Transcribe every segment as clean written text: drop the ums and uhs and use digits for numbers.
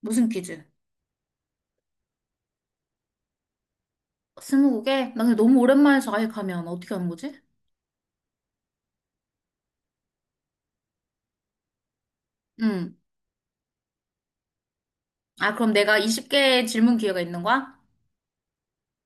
무슨 퀴즈? 스무고개? 나 근데 너무 오랜만에 자격하면 어떻게 하는 거지? 응. 아, 그럼 내가 20개 질문 기회가 있는 거야?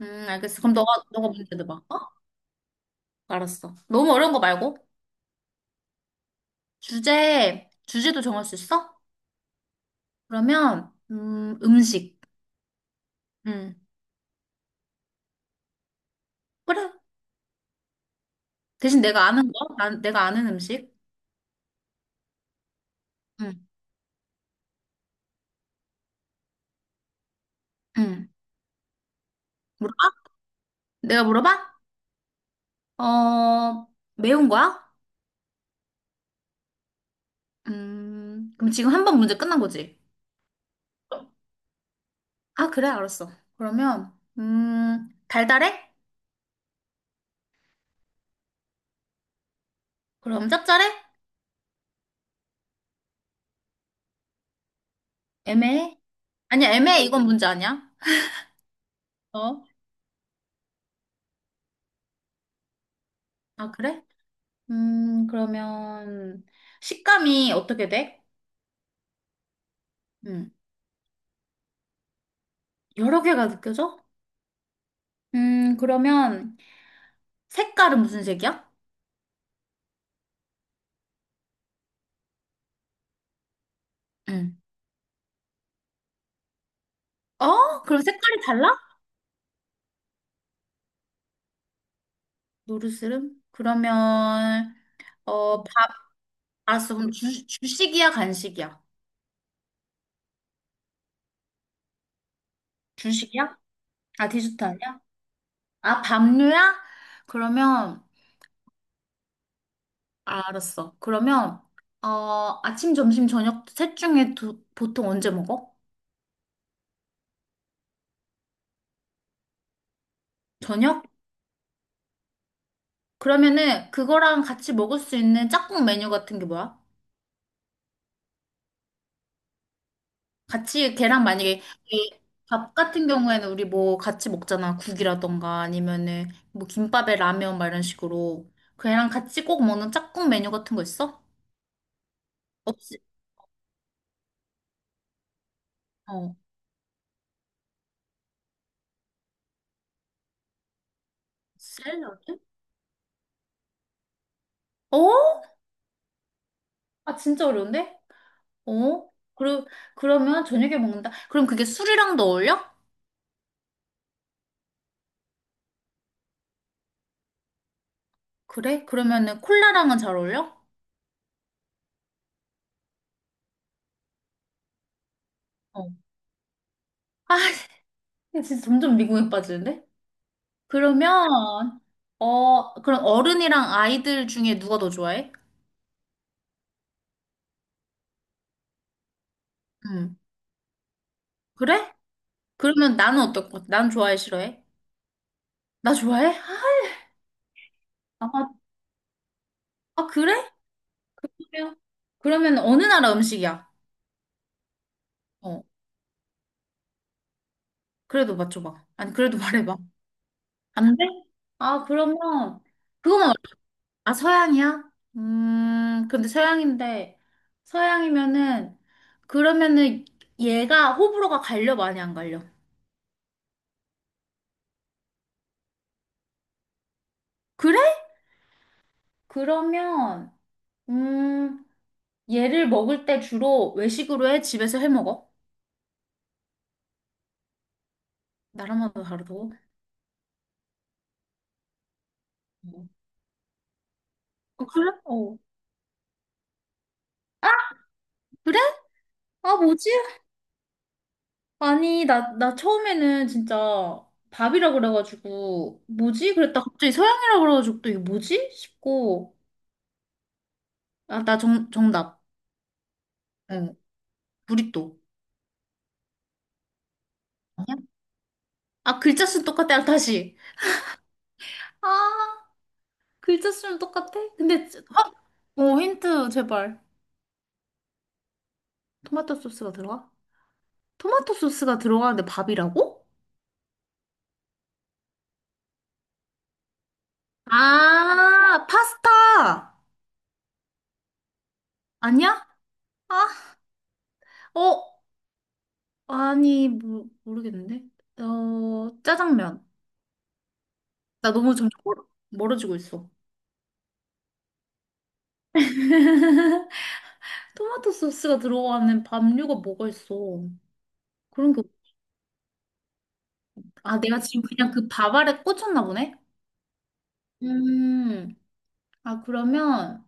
알겠어. 그럼 너가 문제 내봐. 어? 알았어. 너무 어려운 거 말고. 주제도 정할 수 있어? 그러면, 음식. 응. 그래. 대신 내가 아는 거? 내가 아는 음식? 응. 응. 물어봐? 내가 물어봐? 어, 매운 거야? 그럼 지금 한 번 문제 끝난 거지? 아, 그래, 알았어. 그러면, 달달해? 그럼 짭짤해? 애매해? 아니야, 애매해. 이건 문제 아니야. 어? 아, 그래? 그러면, 식감이 어떻게 돼? 음, 여러 개가 느껴져? 그러면, 색깔은 무슨 색이야? 음. 어? 그럼 색깔이 달라? 노르스름? 그러면, 어, 밥, 알았어. 그럼 주식이야, 간식이야? 주식이야? 아, 디저트 아니야? 아, 밥류야? 그러면, 알았어. 그러면 어, 아침, 점심, 저녁 셋 중에 보통 언제 먹어? 저녁? 그러면은 그거랑 같이 먹을 수 있는 짝꿍 메뉴 같은 게 뭐야? 같이 걔랑 만약에 이밥 같은 경우에는 우리 뭐 같이 먹잖아. 국이라던가 아니면은 뭐 김밥에 라면 막 이런 식으로 걔랑 같이 꼭 먹는 짝꿍 메뉴 같은 거 있어? 없지? 어. 샐러드? 어? 아 진짜 어려운데? 어? 그러, 그러면 저녁에 먹는다? 그럼 그게 술이랑도 어울려? 그래? 그러면은 콜라랑은 잘 어울려? 어. 아, 진짜 점점 미국에 빠지는데? 그러면, 어, 그럼 어른이랑 아이들 중에 누가 더 좋아해? 음. 그래? 그러면 나는 어떨 것 같아? 난 좋아해, 싫어해? 나 좋아해? 아, 아, 아, 그래? 그래요. 그러면 어느 나라 음식이야? 어, 그래도 맞춰봐. 아니, 그래도 말해봐. 안 돼? 아, 그러면, 그거만 아, 서양이야? 근데 서양인데, 서양이면은, 그러면은 얘가 호불호가 갈려, 많이 안 갈려? 그래? 그러면, 음, 얘를 먹을 때 주로 외식으로 해? 집에서 해 먹어? 나라마다 다르다고? 어. 어, 그래? 어. 아, 그래? 아, 뭐지? 아니, 나 처음에는 진짜 밥이라 그래가지고, 뭐지? 그랬다. 갑자기 서양이라 그래가지고 또 이게 뭐지? 싶고, 아, 정답. 어, 부리또. 아, 글자 수는 똑같아. 다시. 아, 글자 수는 똑같아? 근데, 아, 어, 힌트 제발. 토마토 소스가 들어가? 토마토 소스가 들어가는데 밥이라고? 아, 파스타! 아니야? 아, 어, 아니, 모르겠는데. 어, 짜장면. 나 너무 점점 멀어지고 있어. 토마토 소스가 들어가는 밥류가 뭐가 있어? 그런 게, 없- 아, 내가 지금 그냥 그 밥 아래 꽂혔나 보네? 음, 아, 그러면,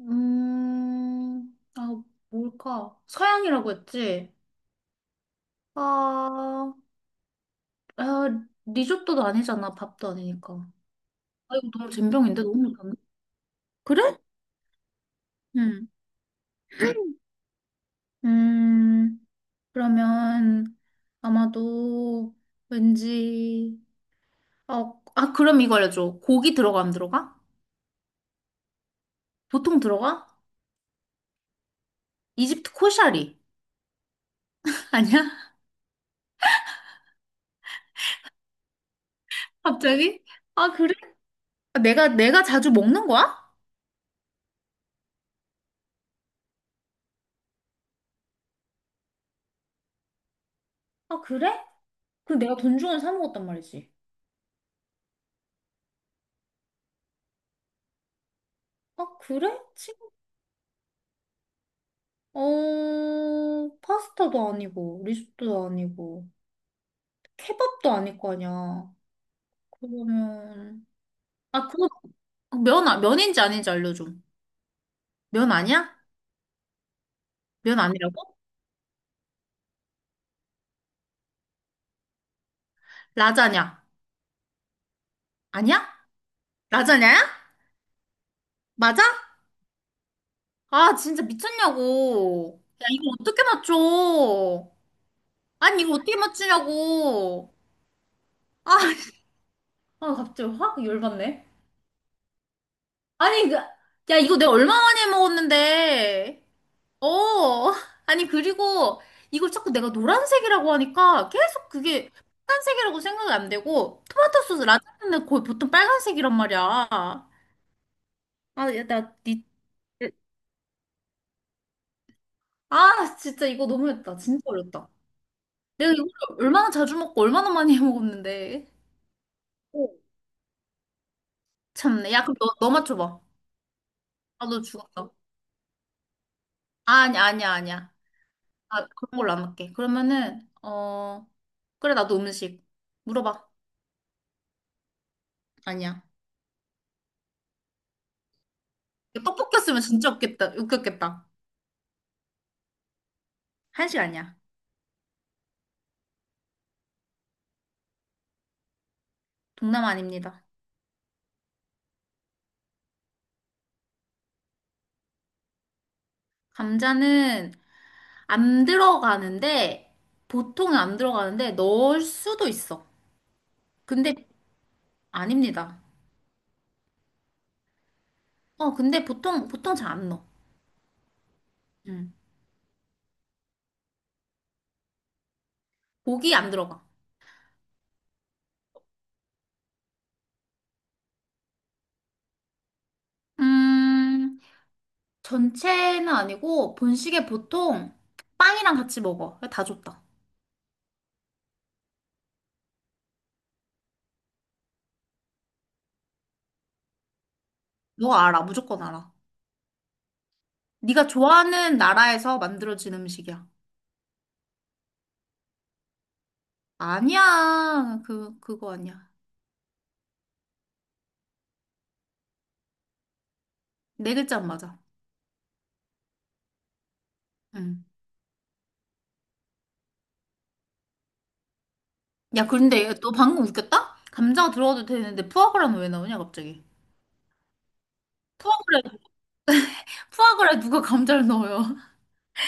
아, 뭘까? 서양이라고 했지? 아, 아, 리조또도 아니잖아. 밥도 아니니까. 아, 이거 너무 젬병인데? 너무 못하네. 그래? 응. 음, 그러면 아마도 왠지, 어, 아, 그럼 이거 알려줘. 고기 들어가, 안 들어가? 보통 들어가? 이집트 코샤리. 아니야? 갑자기? 아, 그래? 아, 내가 자주 먹는 거야? 아, 그래? 그럼 내가 돈 주고 사 먹었단 말이지. 아, 그래? 친구? 어, 파스타도 아니고, 리조또도 아니고, 케밥도 아닐 거 아니야. 그러면, 아, 그거, 면, 아- 면인지 아닌지 알려줘. 면 아니야? 면 아니라고? 라자냐? 아니야? 라자냐야? 맞아? 아, 진짜 미쳤냐고. 야, 이거 어떻게 맞춰? 아니, 이거 어떻게 맞추냐고. 아, 아, 갑자기 확 열받네. 아니, 그, 야, 이거 내가 얼마 만에 먹었는데. 어, 아니, 그리고 이걸 자꾸 내가 노란색이라고 하니까 계속 그게 빨간색이라고 생각이 안 되고, 토마토 소스 라자냐는 거의 보통 빨간색이란 말이야. 아, 야, 나, 니, 아, 진짜 이거 너무했다. 진짜 어렵다. 내가 이걸 얼마나 자주 먹고 얼마나 많이 해 먹었는데. 오. 참네. 야, 그럼 너 맞춰봐. 아, 너 죽었어. 아니, 아니야. 아, 그런 걸로 안 할게. 그러면은, 어, 그래, 나도 음식. 물어봐. 아니야. 떡볶였으면 진짜 웃겠다, 웃겼겠다. 한식 아니야. 동남 아닙니다. 감자는 안 들어가는데, 보통은 안 들어가는데, 넣을 수도 있어. 근데, 아닙니다. 어, 근데 보통 잘 안 넣어. 음. 고기 안 들어가. 음, 전체는 아니고, 본식에 보통 빵이랑 같이 먹어. 다 줬다. 너 알아, 무조건 알아. 네가 좋아하는 나라에서 만들어진 음식이야. 아니야, 그거 아니야. 네 글자 안 맞아. 응. 야, 근데 너 방금 웃겼다? 감자 들어가도 되는데 푸아그라는 왜 나오냐, 갑자기? 푸아그라, 푸아그라에 누가 감자를 넣어요?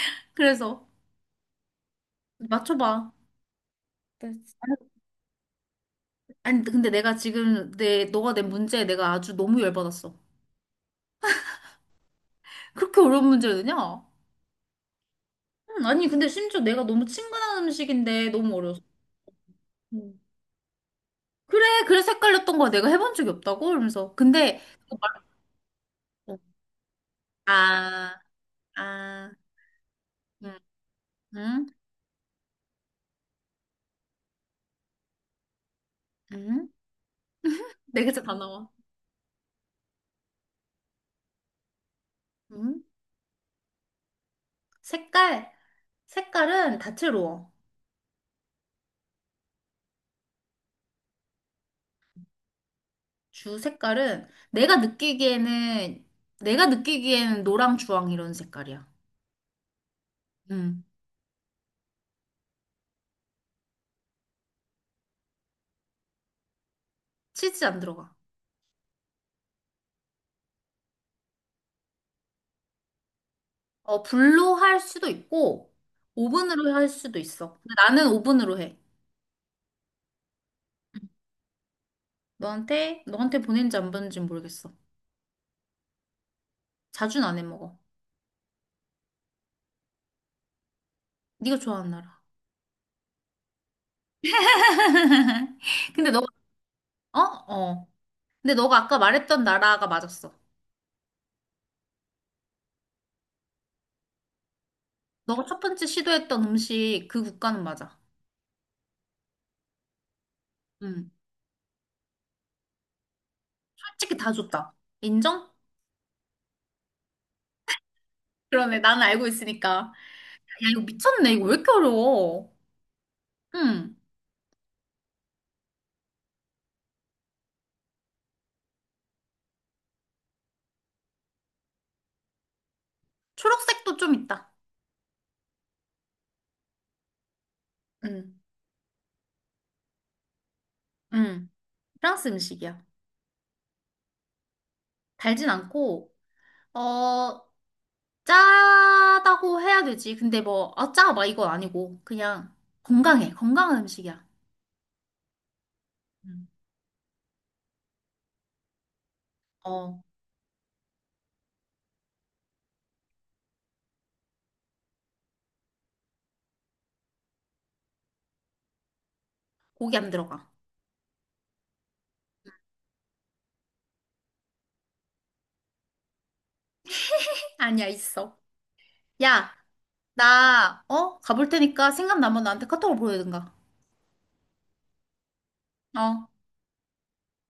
그래서 맞춰봐. 네. 아니, 근데 내가 지금 너가 낸 문제에 내가 아주 너무 열받았어. 그렇게 어려운 문제를 내냐? 아니, 근데 심지어 내가 너무 친근한 음식인데 너무 어려웠어. 응. 그래, 그래서 헷갈렸던 거야. 내가 해본 적이 없다고? 이러면서. 근데, 그거 말- 응. 아, 아, 응, 응, 응. 네 글자 다 나와. 응? 색깔. 색깔은 다채로워. 주 색깔은 내가 느끼기에는 노랑 주황 이런 색깔이야. 음. 치즈 안 들어가. 어, 불로 할 수도 있고 오븐으로 할 수도 있어. 근데 나는 오븐으로 해. 너한테 보낸지 안 보낸지 모르겠어. 자주는 안 해 먹어. 네가 좋아하는 나라. 근데 너가 어? 어. 근데 너가 아까 말했던 나라가 맞았어. 너가 첫 번째 시도했던 음식 그 국가는 맞아. 음. 솔직히 다 줬다. 인정? 그러네. 나는 알고 있으니까. 야, 이거 미쳤네. 이거 왜 이렇게 어려워? 응. 초록색도 좀 있다. 응. 응. 프랑스 음식이야. 달진 않고, 어, 짜다고 해야 되지. 근데 뭐, 아, 짜, 막 이건 아니고. 그냥 건강해. 건강한 음식이야. 응. 어, 고기 안 들어가. 아니야, 있어. 야, 나, 어? 가볼 테니까 생각나면 나한테 카톡으로 보내든가. 어.